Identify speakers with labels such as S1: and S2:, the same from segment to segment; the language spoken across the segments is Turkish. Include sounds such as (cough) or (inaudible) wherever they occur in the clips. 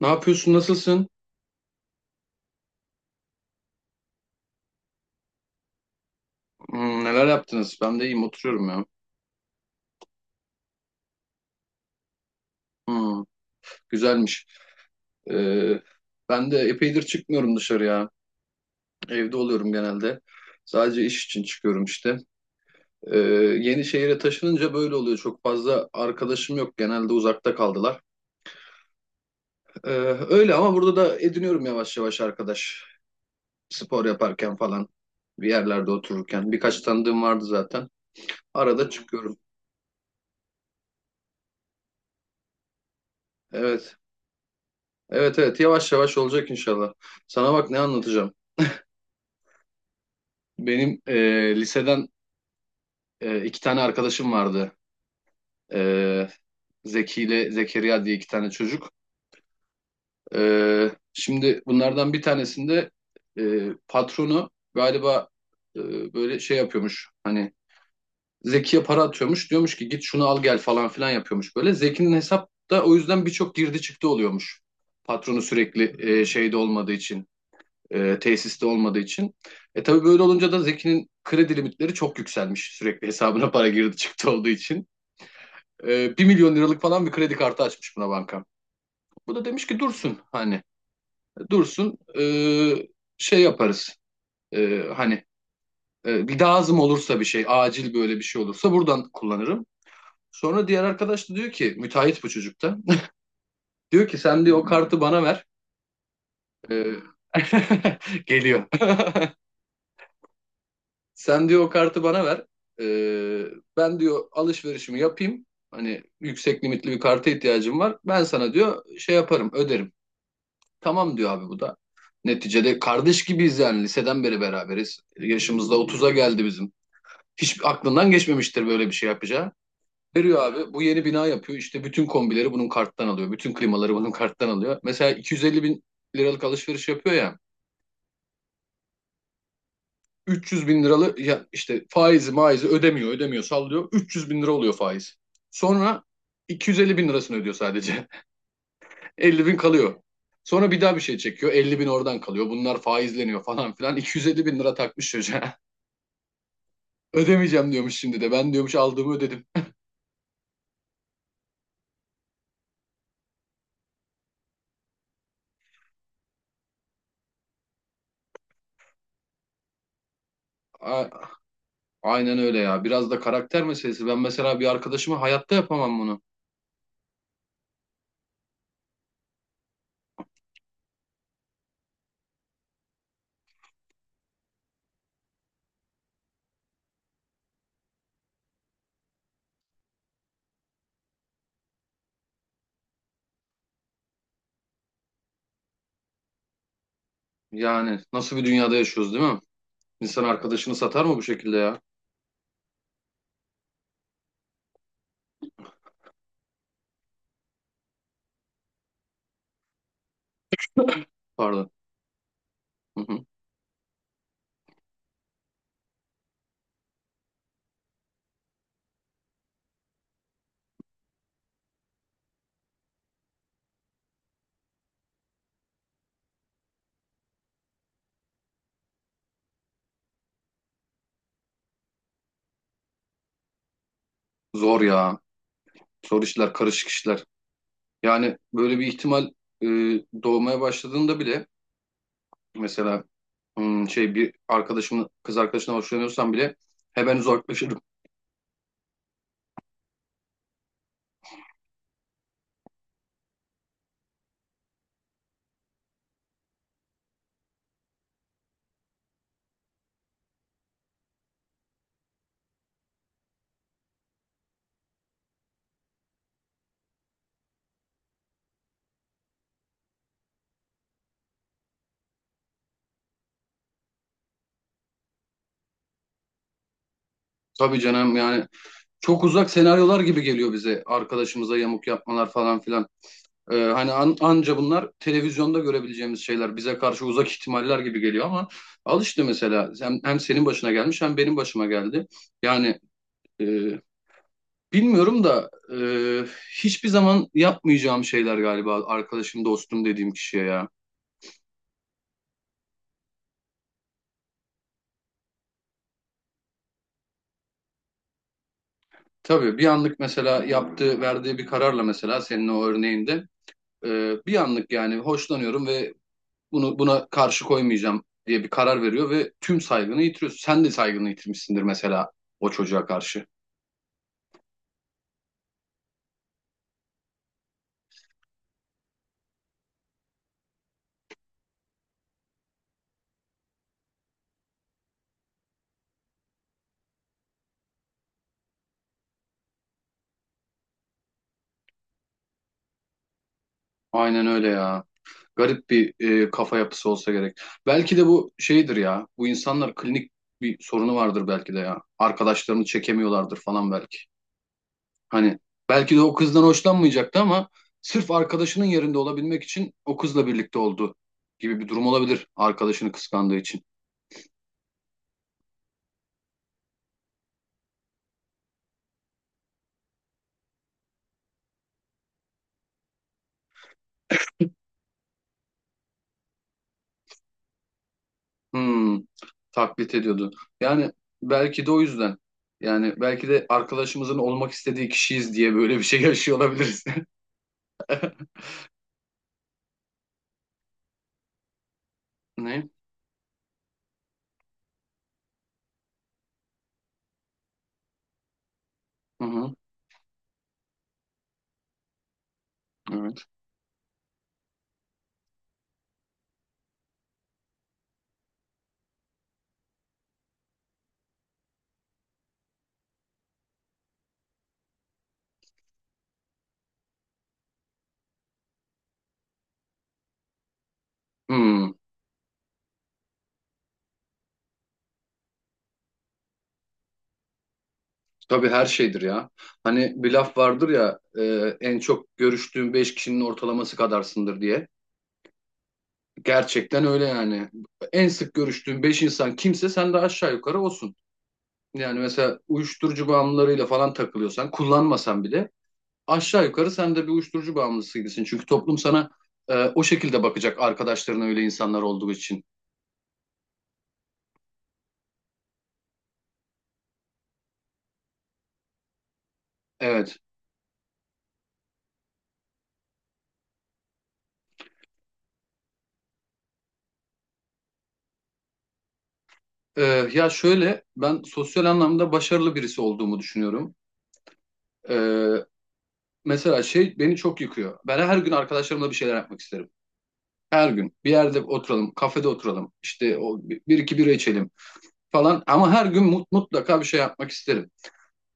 S1: Ne yapıyorsun? Nasılsın? Neler yaptınız? Ben de iyiyim. Oturuyorum ya. Hmm, Güzelmiş. Ee, Ben de epeydir çıkmıyorum dışarıya. Evde oluyorum genelde. Sadece iş için çıkıyorum işte. Ee, Yeni şehire taşınınca böyle oluyor. Çok fazla arkadaşım yok. Genelde uzakta kaldılar. Ee, Öyle ama burada da ediniyorum yavaş yavaş arkadaş. Spor yaparken falan. Bir yerlerde otururken. Birkaç tanıdığım vardı zaten. Arada çıkıyorum. Evet. Evet evet, yavaş yavaş olacak inşallah. Sana bak ne anlatacağım. Benim liseden iki tane arkadaşım vardı. E, Zeki ile Zekeriya diye iki tane çocuk. Şimdi bunlardan bir tanesinde patronu galiba e, böyle şey yapıyormuş. Hani Zeki'ye para atıyormuş. Diyormuş ki git şunu al gel falan filan yapıyormuş böyle. Zeki'nin hesapta o yüzden birçok girdi çıktı oluyormuş. Patronu sürekli e, şeyde olmadığı için. E, tesiste olmadığı için. E tabii böyle olunca da Zeki'nin kredi limitleri çok yükselmiş. Sürekli hesabına para girdi çıktı olduğu için. 1 milyon liralık falan bir kredi kartı açmış buna banka. Bu da demiş ki dursun, hani dursun, şey yaparız. Hani bir lazım olursa, bir şey acil böyle bir şey olursa buradan kullanırım. Sonra diğer arkadaş da diyor ki müteahhit bu çocukta. (laughs) Diyor ki sen diyor o kartı bana ver. E, (laughs) geliyor. (laughs) Sen diyor o kartı bana ver. Ee, Ben diyor alışverişimi yapayım. Hani yüksek limitli bir karta ihtiyacım var. Ben sana diyor şey yaparım, öderim. Tamam diyor abi bu da. Neticede kardeş gibiyiz yani, liseden beri beraberiz. Yaşımızda 30'a geldi bizim. Hiç aklından geçmemiştir böyle bir şey yapacağı. Veriyor abi, bu yeni bina yapıyor. İşte bütün kombileri bunun karttan alıyor. Bütün klimaları bunun karttan alıyor. Mesela 250 bin liralık alışveriş yapıyor ya. 300 bin liralı ya işte, faizi maizi ödemiyor ödemiyor sallıyor, 300 bin lira oluyor faiz. Sonra 250 bin lirasını ödüyor sadece, (laughs) 50 bin kalıyor. Sonra bir daha bir şey çekiyor, 50 bin oradan kalıyor, bunlar faizleniyor falan filan, 250 bin lira takmış çocuğa. (laughs) Ödemeyeceğim diyormuş şimdi de, ben diyormuş aldığımı ödedim. A- Aynen öyle ya, biraz da karakter meselesi. Ben mesela bir arkadaşıma hayatta yapamam bunu. Yani nasıl bir dünyada yaşıyoruz değil mi? İnsan arkadaşını satar mı bu şekilde ya? Pardon. Hı hı. Zor ya. Zor işler, karışık işler. Yani böyle bir ihtimal e, doğmaya başladığında bile, mesela şey, bir arkadaşımın kız arkadaşına hoşlanıyorsam bile hemen uzaklaşırım. Tabii canım, yani çok uzak senaryolar gibi geliyor bize arkadaşımıza yamuk yapmalar falan filan. Hani anca bunlar televizyonda görebileceğimiz şeyler, bize karşı uzak ihtimaller gibi geliyor ama al işte, mesela hem senin başına gelmiş hem benim başıma geldi. Yani e, bilmiyorum da e, hiçbir zaman yapmayacağım şeyler galiba arkadaşım, dostum dediğim kişiye ya. Tabii bir anlık, mesela yaptığı, verdiği bir kararla, mesela senin o örneğinde bir anlık yani hoşlanıyorum ve bunu, buna karşı koymayacağım diye bir karar veriyor ve tüm saygını yitiriyorsun. Sen de saygını yitirmişsindir mesela o çocuğa karşı. Aynen öyle ya. Garip bir kafa yapısı olsa gerek. Belki de bu şeydir ya. Bu insanlar klinik bir sorunu vardır belki de ya. Arkadaşlarını çekemiyorlardır falan belki. Hani belki de o kızdan hoşlanmayacaktı ama sırf arkadaşının yerinde olabilmek için o kızla birlikte oldu gibi bir durum olabilir, arkadaşını kıskandığı için. Hmm, Taklit ediyordu. Yani belki de o yüzden. Yani belki de arkadaşımızın olmak istediği kişiyiz diye böyle bir şey yaşıyor olabiliriz. (laughs) Ne? Hı hı, evet. Hmm, tabii, her şeydir ya. Hani bir laf vardır ya, en çok görüştüğün beş kişinin ortalaması kadarsındır diye. Gerçekten öyle yani. En sık görüştüğün 5 insan kimse, sen de aşağı yukarı olsun. Yani mesela uyuşturucu bağımlılarıyla falan takılıyorsan, kullanmasan bile aşağı yukarı sen de bir uyuşturucu bağımlısı gibisin. Çünkü toplum sana o şekilde bakacak, arkadaşların öyle insanlar olduğu için. Evet. E, Ya şöyle, ben sosyal anlamda başarılı birisi olduğumu düşünüyorum. E, Mesela şey beni çok yıkıyor. Ben her gün arkadaşlarımla bir şeyler yapmak isterim. Her gün bir yerde oturalım, kafede oturalım, işte o bir iki bira içelim falan, ama her gün mutlaka bir şey yapmak isterim.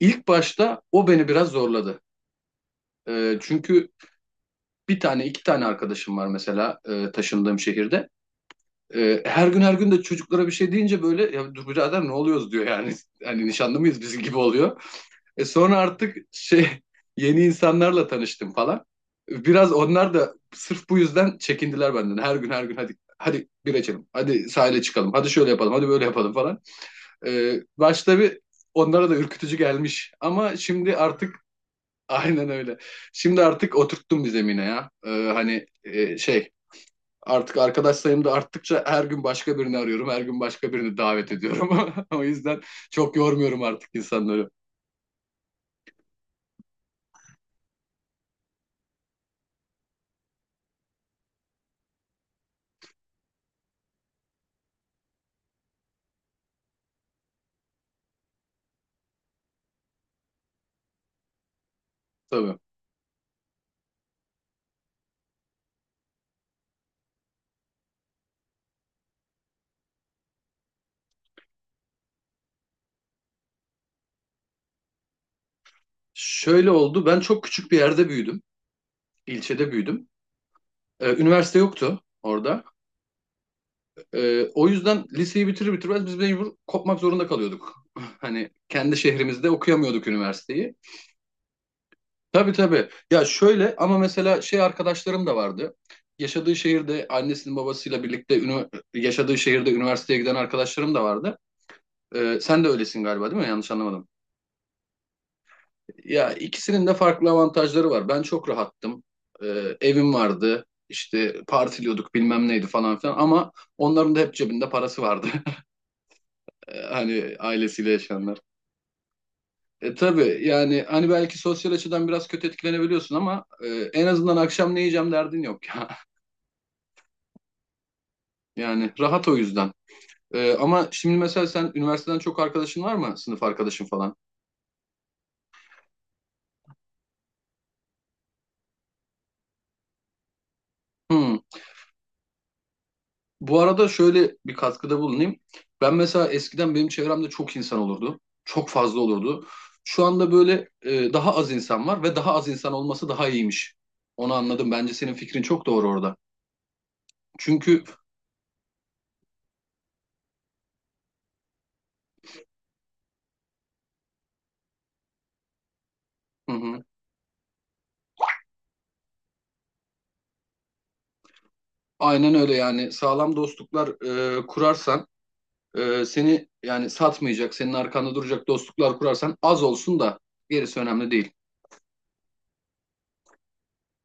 S1: İlk başta o beni biraz zorladı. Çünkü bir tane iki tane arkadaşım var mesela taşındığım şehirde. Her gün her gün de çocuklara bir şey deyince böyle "ya dur birader, ne oluyoruz" diyor yani. (laughs) Hani nişanlı mıyız bizim gibi oluyor. Sonra artık şey, (laughs) yeni insanlarla tanıştım falan. Biraz onlar da sırf bu yüzden çekindiler benden. Her gün her gün, hadi hadi bir içelim, hadi sahile çıkalım, hadi şöyle yapalım, hadi böyle yapalım falan. Başta bir onlara da ürkütücü gelmiş ama şimdi artık (laughs) aynen öyle. Şimdi artık oturttum bir zemine ya. Hani artık arkadaş sayım da arttıkça her gün başka birini arıyorum. Her gün başka birini davet ediyorum. (laughs) O yüzden çok yormuyorum artık insanları. Tabii. Şöyle oldu. Ben çok küçük bir yerde büyüdüm. İlçede büyüdüm. Üniversite yoktu orada. O yüzden liseyi bitirir bitirmez biz mecbur kopmak zorunda kalıyorduk. (laughs) Hani kendi şehrimizde okuyamıyorduk üniversiteyi. Tabii tabii. Ya şöyle, ama mesela şey, arkadaşlarım da vardı. Yaşadığı şehirde annesinin babasıyla birlikte yaşadığı şehirde üniversiteye giden arkadaşlarım da vardı. Sen de öylesin galiba, değil mi? Yanlış anlamadım. Ya ikisinin de farklı avantajları var. Ben çok rahattım. Evim vardı. İşte partiliyorduk, bilmem neydi falan filan, ama onların da hep cebinde parası vardı. (laughs) Hani ailesiyle yaşayanlar. E tabii yani, hani belki sosyal açıdan biraz kötü etkilenebiliyorsun ama en azından akşam ne yiyeceğim derdin yok. (laughs) Yani rahat o yüzden. Ama şimdi mesela sen üniversiteden çok arkadaşın var mı? Sınıf arkadaşın falan. Hmm. Bu arada şöyle bir katkıda bulunayım. Ben mesela eskiden benim çevremde çok insan olurdu. Çok fazla olurdu. Şu anda böyle daha az insan var ve daha az insan olması daha iyiymiş. Onu anladım. Bence senin fikrin çok doğru orada. Çünkü hı hı, aynen öyle yani. Sağlam dostluklar kurarsan, seni yani satmayacak, senin arkanda duracak dostluklar kurarsan, az olsun da gerisi önemli değil.